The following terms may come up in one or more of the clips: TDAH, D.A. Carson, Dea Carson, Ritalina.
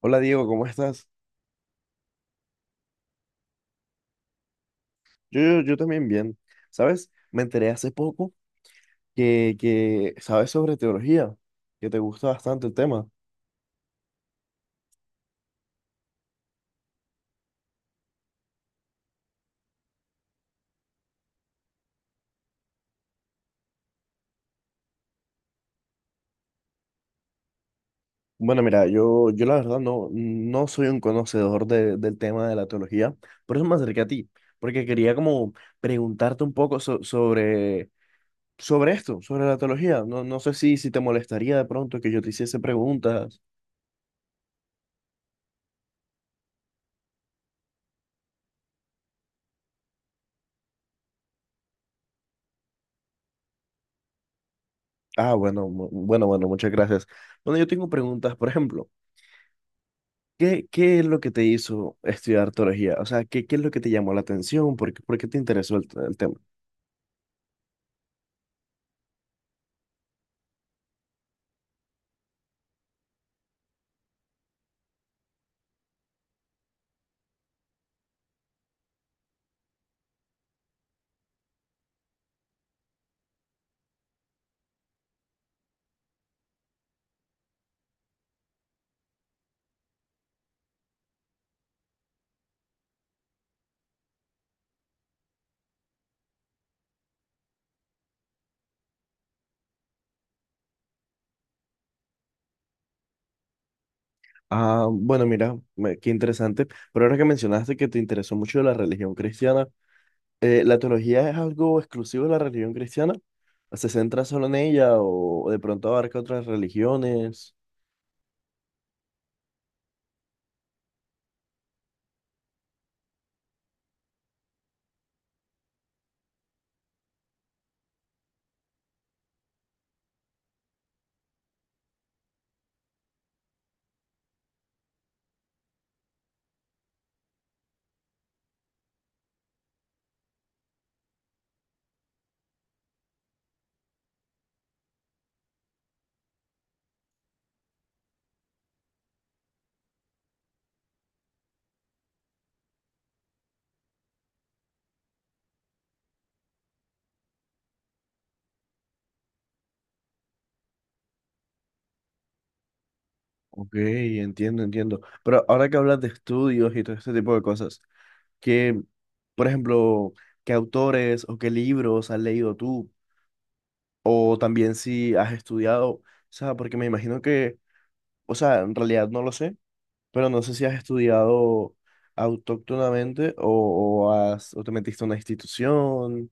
Hola Diego, ¿cómo estás? Yo también bien. ¿Sabes? Me enteré hace poco que sabes sobre teología, que te gusta bastante el tema. Bueno, mira, yo la verdad no soy un conocedor del tema de la teología, por eso me acerqué a ti, porque quería como preguntarte un poco sobre, sobre esto, sobre la teología. No sé si te molestaría de pronto que yo te hiciese preguntas. Ah, bueno, bueno, muchas gracias. Bueno, yo tengo preguntas, por ejemplo. ¿Qué es lo que te hizo estudiar teología? O sea, ¿qué es lo que te llamó la atención? ¿Por qué te interesó el tema? Ah, bueno, mira, qué interesante. Pero ahora que mencionaste que te interesó mucho la religión cristiana, ¿la teología es algo exclusivo de la religión cristiana? ¿Se centra solo en ella o de pronto abarca otras religiones? Ok, entiendo, entiendo. Pero ahora que hablas de estudios y todo este tipo de cosas, ¿qué, por ejemplo, qué autores o qué libros has leído tú? O también si has estudiado, o sea, porque me imagino que, o sea, en realidad no lo sé, pero no sé si has estudiado autóctonamente o, has, o te metiste a una institución.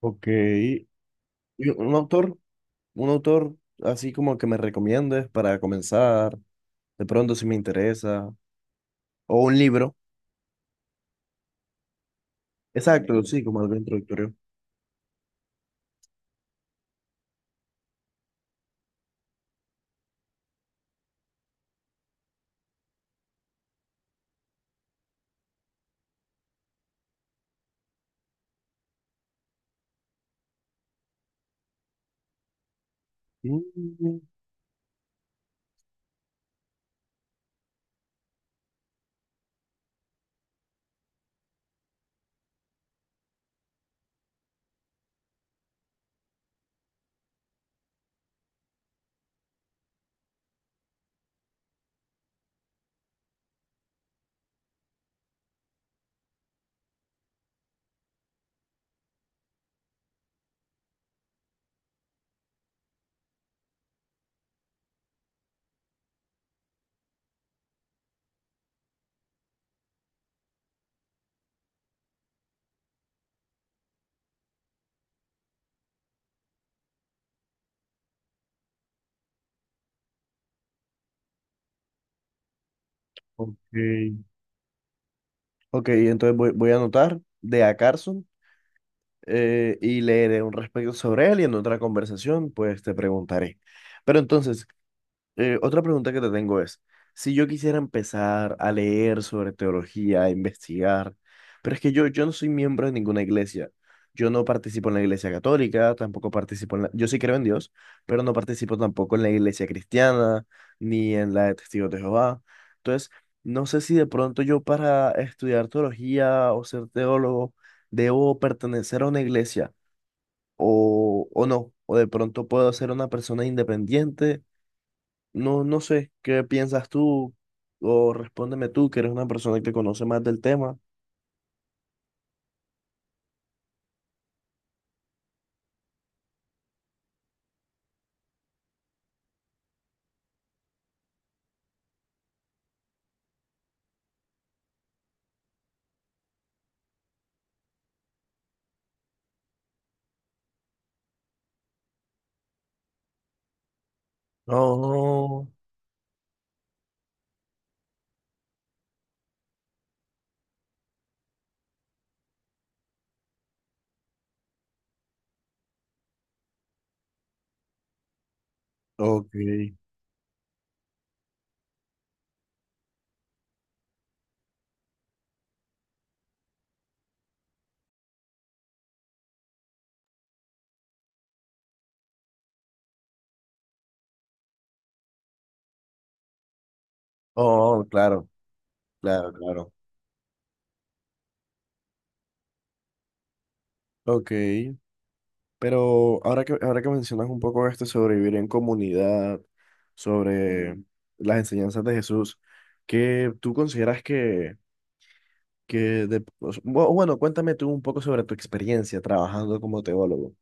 Ok. Y un autor, un autor así como que me recomiendes para comenzar, de pronto si me interesa, o un libro. Exacto, sí, como algo introductorio. Mm, ok. Ok, entonces voy a anotar de A. Carson. Y leeré un respecto sobre él y en otra conversación pues te preguntaré. Pero entonces, otra pregunta que te tengo es, si yo quisiera empezar a leer sobre teología, a investigar, pero es que yo no soy miembro de ninguna iglesia, yo no participo en la iglesia católica, tampoco participo en la, yo sí creo en Dios, pero no participo tampoco en la iglesia cristiana, ni en la de Testigos de Jehová. Entonces, no sé si de pronto yo para estudiar teología o ser teólogo debo pertenecer a una iglesia o no, o de pronto puedo ser una persona independiente no sé, ¿qué piensas tú? O respóndeme tú, que eres una persona que conoce más del tema. Oh, ok. Oh, claro, claro, claro. Ok. Pero ahora que mencionas un poco esto sobre vivir en comunidad, sobre las enseñanzas de Jesús, ¿qué tú consideras que, o sea, bueno, cuéntame tú un poco sobre tu experiencia trabajando como teólogo.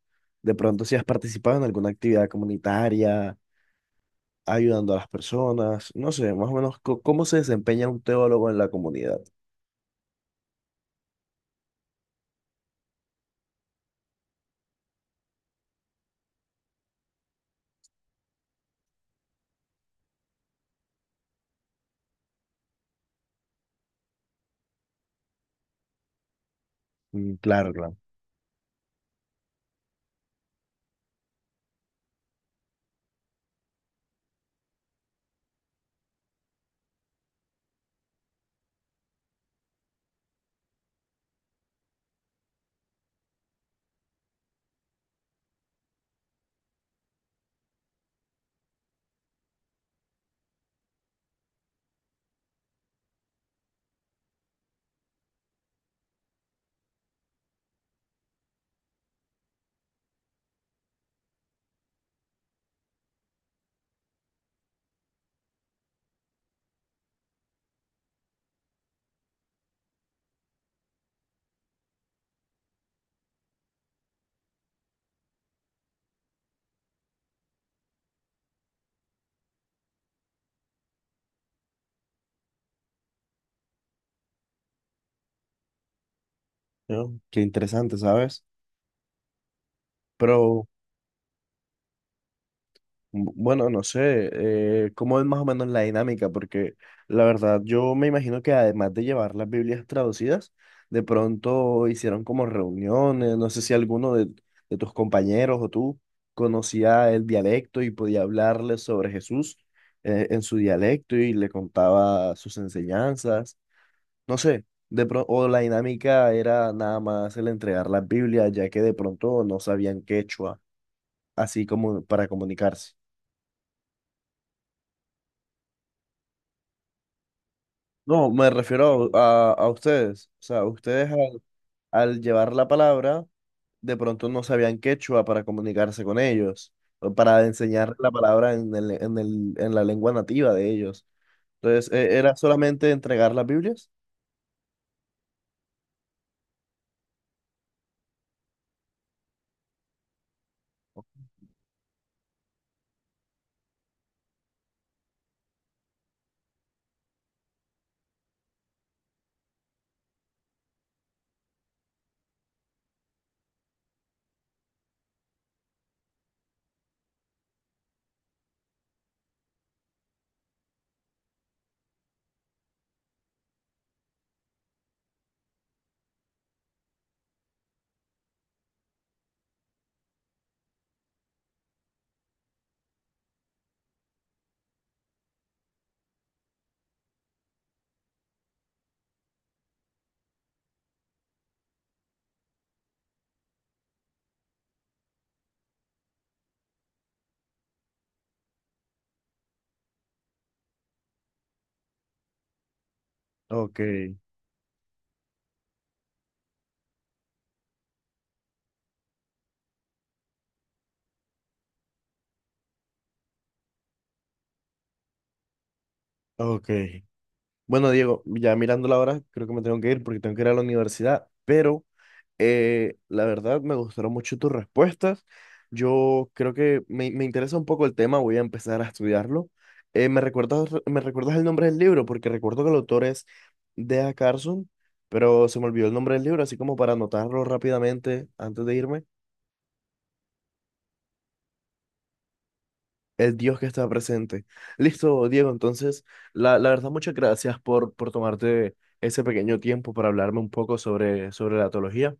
De pronto, si has participado en alguna actividad comunitaria ayudando a las personas, no sé, más o menos cómo se desempeña un teólogo en la comunidad. Mm, claro, claro. ¿No? Qué interesante, ¿sabes? Pero bueno, no sé, cómo es más o menos la dinámica, porque la verdad yo me imagino que además de llevar las Biblias traducidas, de pronto hicieron como reuniones, no sé si alguno de tus compañeros o tú conocía el dialecto y podía hablarle sobre Jesús. En su dialecto y le contaba sus enseñanzas. No sé, o la dinámica era nada más el entregar las Biblias, ya que de pronto no sabían quechua, así como para comunicarse. No, me refiero a, a ustedes. O sea, ustedes al, al llevar la palabra, de pronto no sabían quechua para comunicarse con ellos, o para enseñar la palabra en en la lengua nativa de ellos. Entonces, ¿era solamente entregar las Biblias? Ok, ok. Bueno, Diego, ya mirando la hora, creo que me tengo que ir porque tengo que ir a la universidad, pero... la verdad, me gustaron mucho tus respuestas. Yo creo que me interesa un poco el tema, voy a empezar a estudiarlo. Me recuerdas el nombre del libro? Porque recuerdo que el autor es Dea Carson, pero se me olvidó el nombre del libro, así como para anotarlo rápidamente antes de irme. El Dios que está presente. Listo, Diego, entonces, la verdad, muchas gracias por tomarte ese pequeño tiempo para hablarme un poco sobre, sobre la teología.